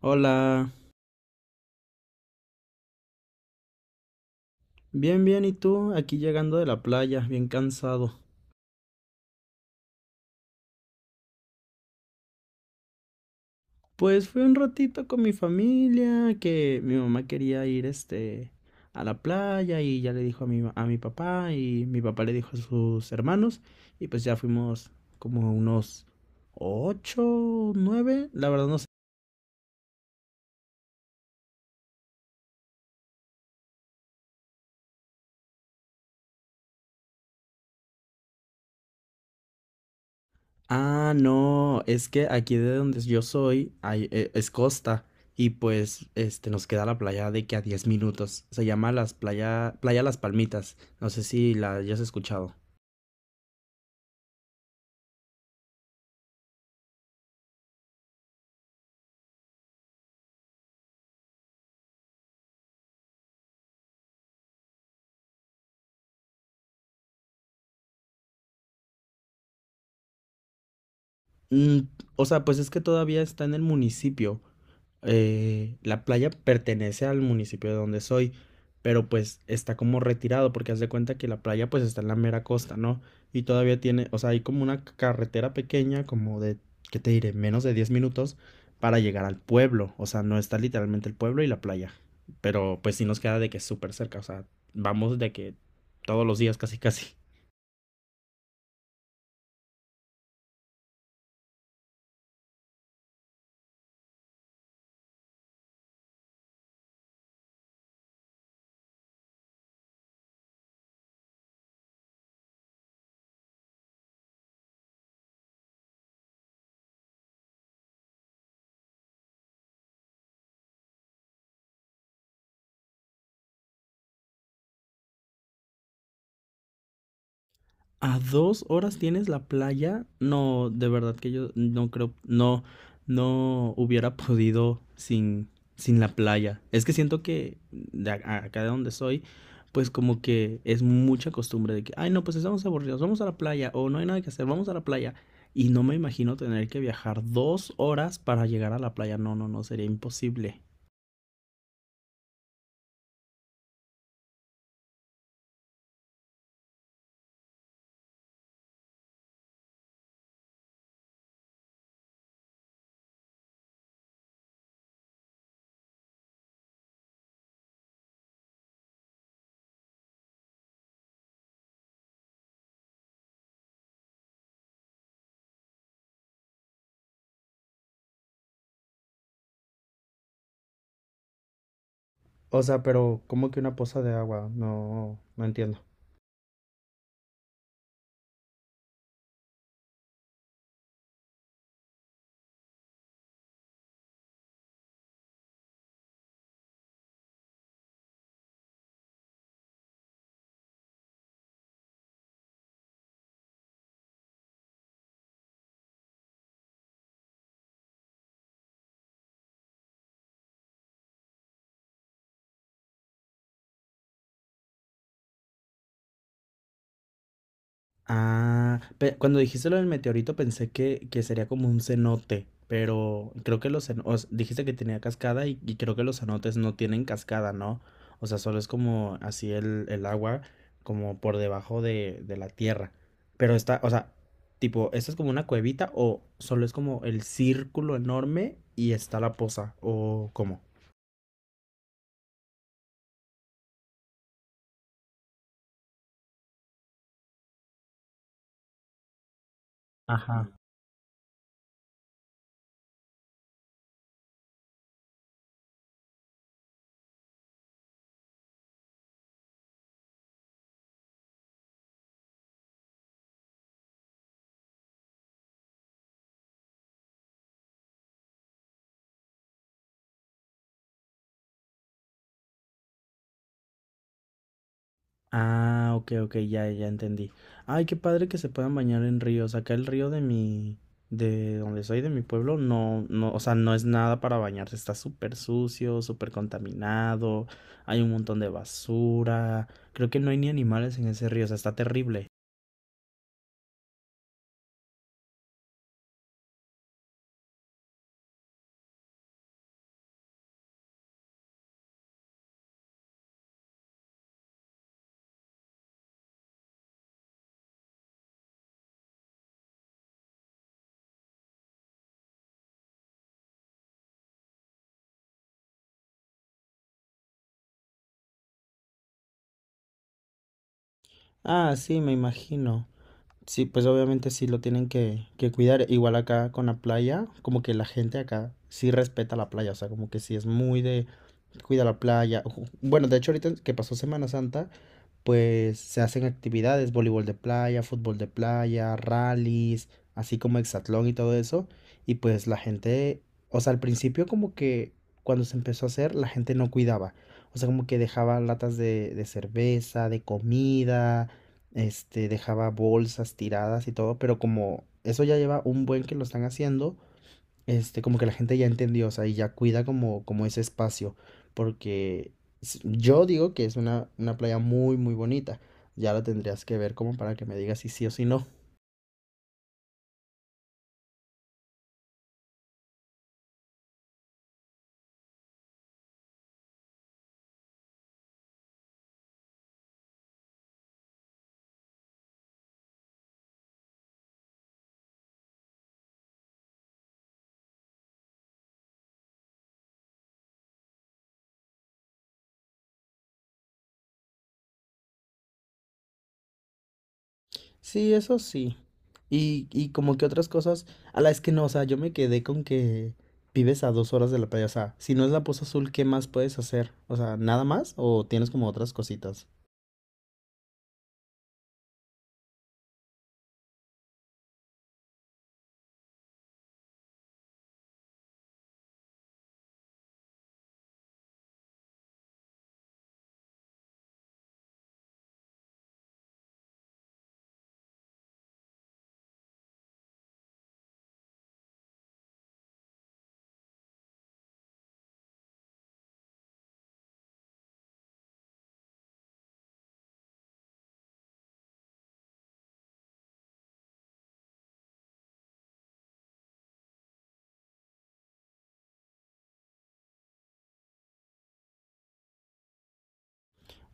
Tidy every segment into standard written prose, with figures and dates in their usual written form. Hola, bien, bien, ¿y tú? Aquí llegando de la playa, bien cansado. Pues fui un ratito con mi familia, que mi mamá quería ir, a la playa y ya le dijo a a mi papá y mi papá le dijo a sus hermanos y pues ya fuimos como unos ocho, nueve, la verdad no. Ah, no, es que aquí de donde yo soy es costa y pues nos queda la playa de que a 10 minutos. Se llama las playa Playa Las Palmitas. No sé si la hayas escuchado. Mm, o sea, pues es que todavía está en el municipio, la playa pertenece al municipio de donde soy, pero pues está como retirado porque haz de cuenta que la playa pues está en la mera costa, ¿no? Y todavía tiene, o sea, hay como una carretera pequeña, como de, ¿qué te diré? Menos de 10 minutos para llegar al pueblo, o sea, no está literalmente el pueblo y la playa, pero pues sí nos queda de que es súper cerca, o sea, vamos de que todos los días casi casi. ¿A 2 horas tienes la playa? No, de verdad que yo no creo, no, no hubiera podido sin la playa. Es que siento que acá de donde soy, pues como que es mucha costumbre de que, ay, no, pues estamos aburridos, vamos a la playa, o no hay nada que hacer, vamos a la playa. Y no me imagino tener que viajar 2 horas para llegar a la playa. No, no, no, sería imposible. O sea, pero ¿cómo que una poza de agua? No, no entiendo. Ah, cuando dijiste lo del meteorito pensé que sería como un cenote, pero creo que los cenotes, dijiste que tenía cascada y creo que los cenotes no tienen cascada, ¿no? O sea, solo es como así el agua, como por debajo de la tierra. Pero está, o sea, tipo, ¿esta es como una cuevita o solo es como el círculo enorme y está la poza? ¿O cómo? Ajá. Ah, ok, ok, ya, ya entendí. Ay, qué padre que se puedan bañar en ríos. Acá el río de mi, de donde soy, de mi pueblo, no, no, o sea, no es nada para bañarse. Está súper sucio, súper contaminado. Hay un montón de basura. Creo que no hay ni animales en ese río, o sea, está terrible. Ah, sí, me imagino. Sí, pues obviamente sí lo tienen que cuidar. Igual acá con la playa, como que la gente acá sí respeta la playa, o sea, como que sí es muy de cuida la playa. Ujú. Bueno, de hecho ahorita que pasó Semana Santa, pues se hacen actividades, voleibol de playa, fútbol de playa, rallies, así como hexatlón y todo eso. Y pues la gente, o sea, al principio como que cuando se empezó a hacer, la gente no cuidaba. O sea, como que dejaba latas de cerveza, de comida, dejaba bolsas tiradas y todo, pero como eso ya lleva un buen que lo están haciendo, como que la gente ya entendió, o sea, y ya cuida como, ese espacio, porque yo digo que es una playa muy, muy bonita. Ya la tendrías que ver como para que me digas si sí o si no. Sí, eso sí. Y como que otras cosas, a la es que no, o sea, yo me quedé con que vives a 2 horas de la playa, o sea, si no es la Poza Azul, ¿qué más puedes hacer? O sea, ¿nada más o tienes como otras cositas?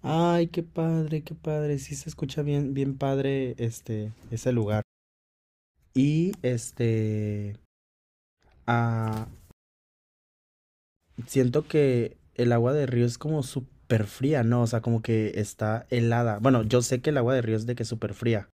Ay, qué padre, qué padre. Sí se escucha bien, bien padre este, ese lugar. Y ah, siento que el agua de río es como súper fría, ¿no? O sea, como que está helada. Bueno, yo sé que el agua de río es de que súper fría.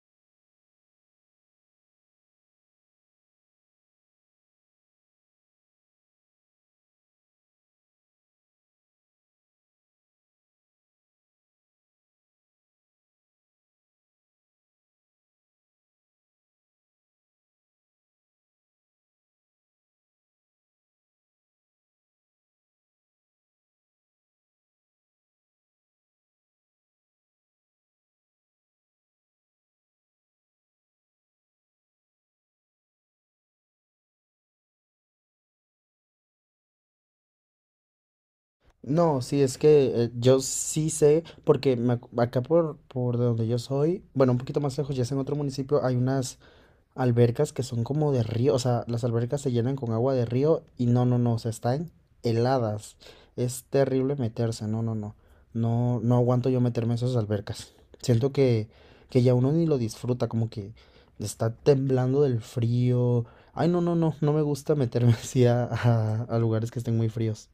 No, sí, es que yo sí sé, porque acá por de donde yo soy, bueno, un poquito más lejos, ya es en otro municipio, hay unas albercas que son como de río, o sea, las albercas se llenan con agua de río y no, no, no, o sea, están heladas. Es terrible meterse, no, no, no. No, no aguanto yo meterme en esas albercas. Siento que ya uno ni lo disfruta, como que está temblando del frío. Ay, no, no, no, no me gusta meterme así a lugares que estén muy fríos.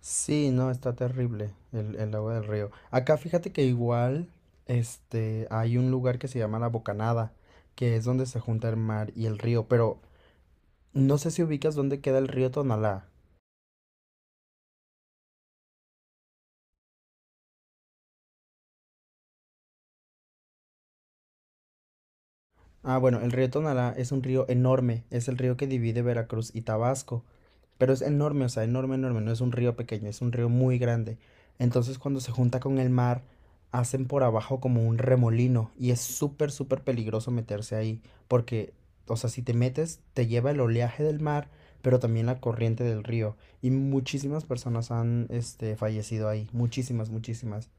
Sí, no, está terrible el agua del río. Acá fíjate que igual, hay un lugar que se llama La Bocanada, que es donde se junta el mar y el río, pero no sé si ubicas dónde queda el río Tonalá. Ah, bueno, el río Tonalá es un río enorme, es el río que divide Veracruz y Tabasco. Pero es enorme, o sea, enorme, enorme. No es un río pequeño, es un río muy grande. Entonces cuando se junta con el mar, hacen por abajo como un remolino y es súper, súper peligroso meterse ahí. Porque, o sea, si te metes, te lleva el oleaje del mar, pero también la corriente del río. Y muchísimas personas han, fallecido ahí. Muchísimas, muchísimas.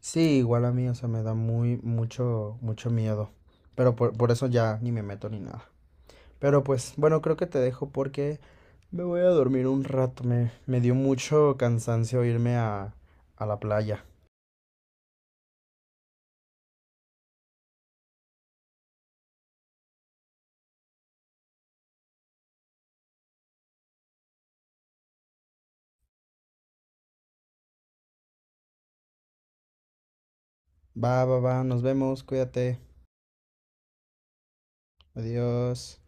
Sí, igual a mí, o sea, me da muy, mucho, mucho miedo. Pero por eso ya ni me meto ni nada. Pero pues, bueno, creo que te dejo porque me voy a dormir un rato, me dio mucho cansancio irme a la playa. Va, va, va, nos vemos, cuídate. Adiós.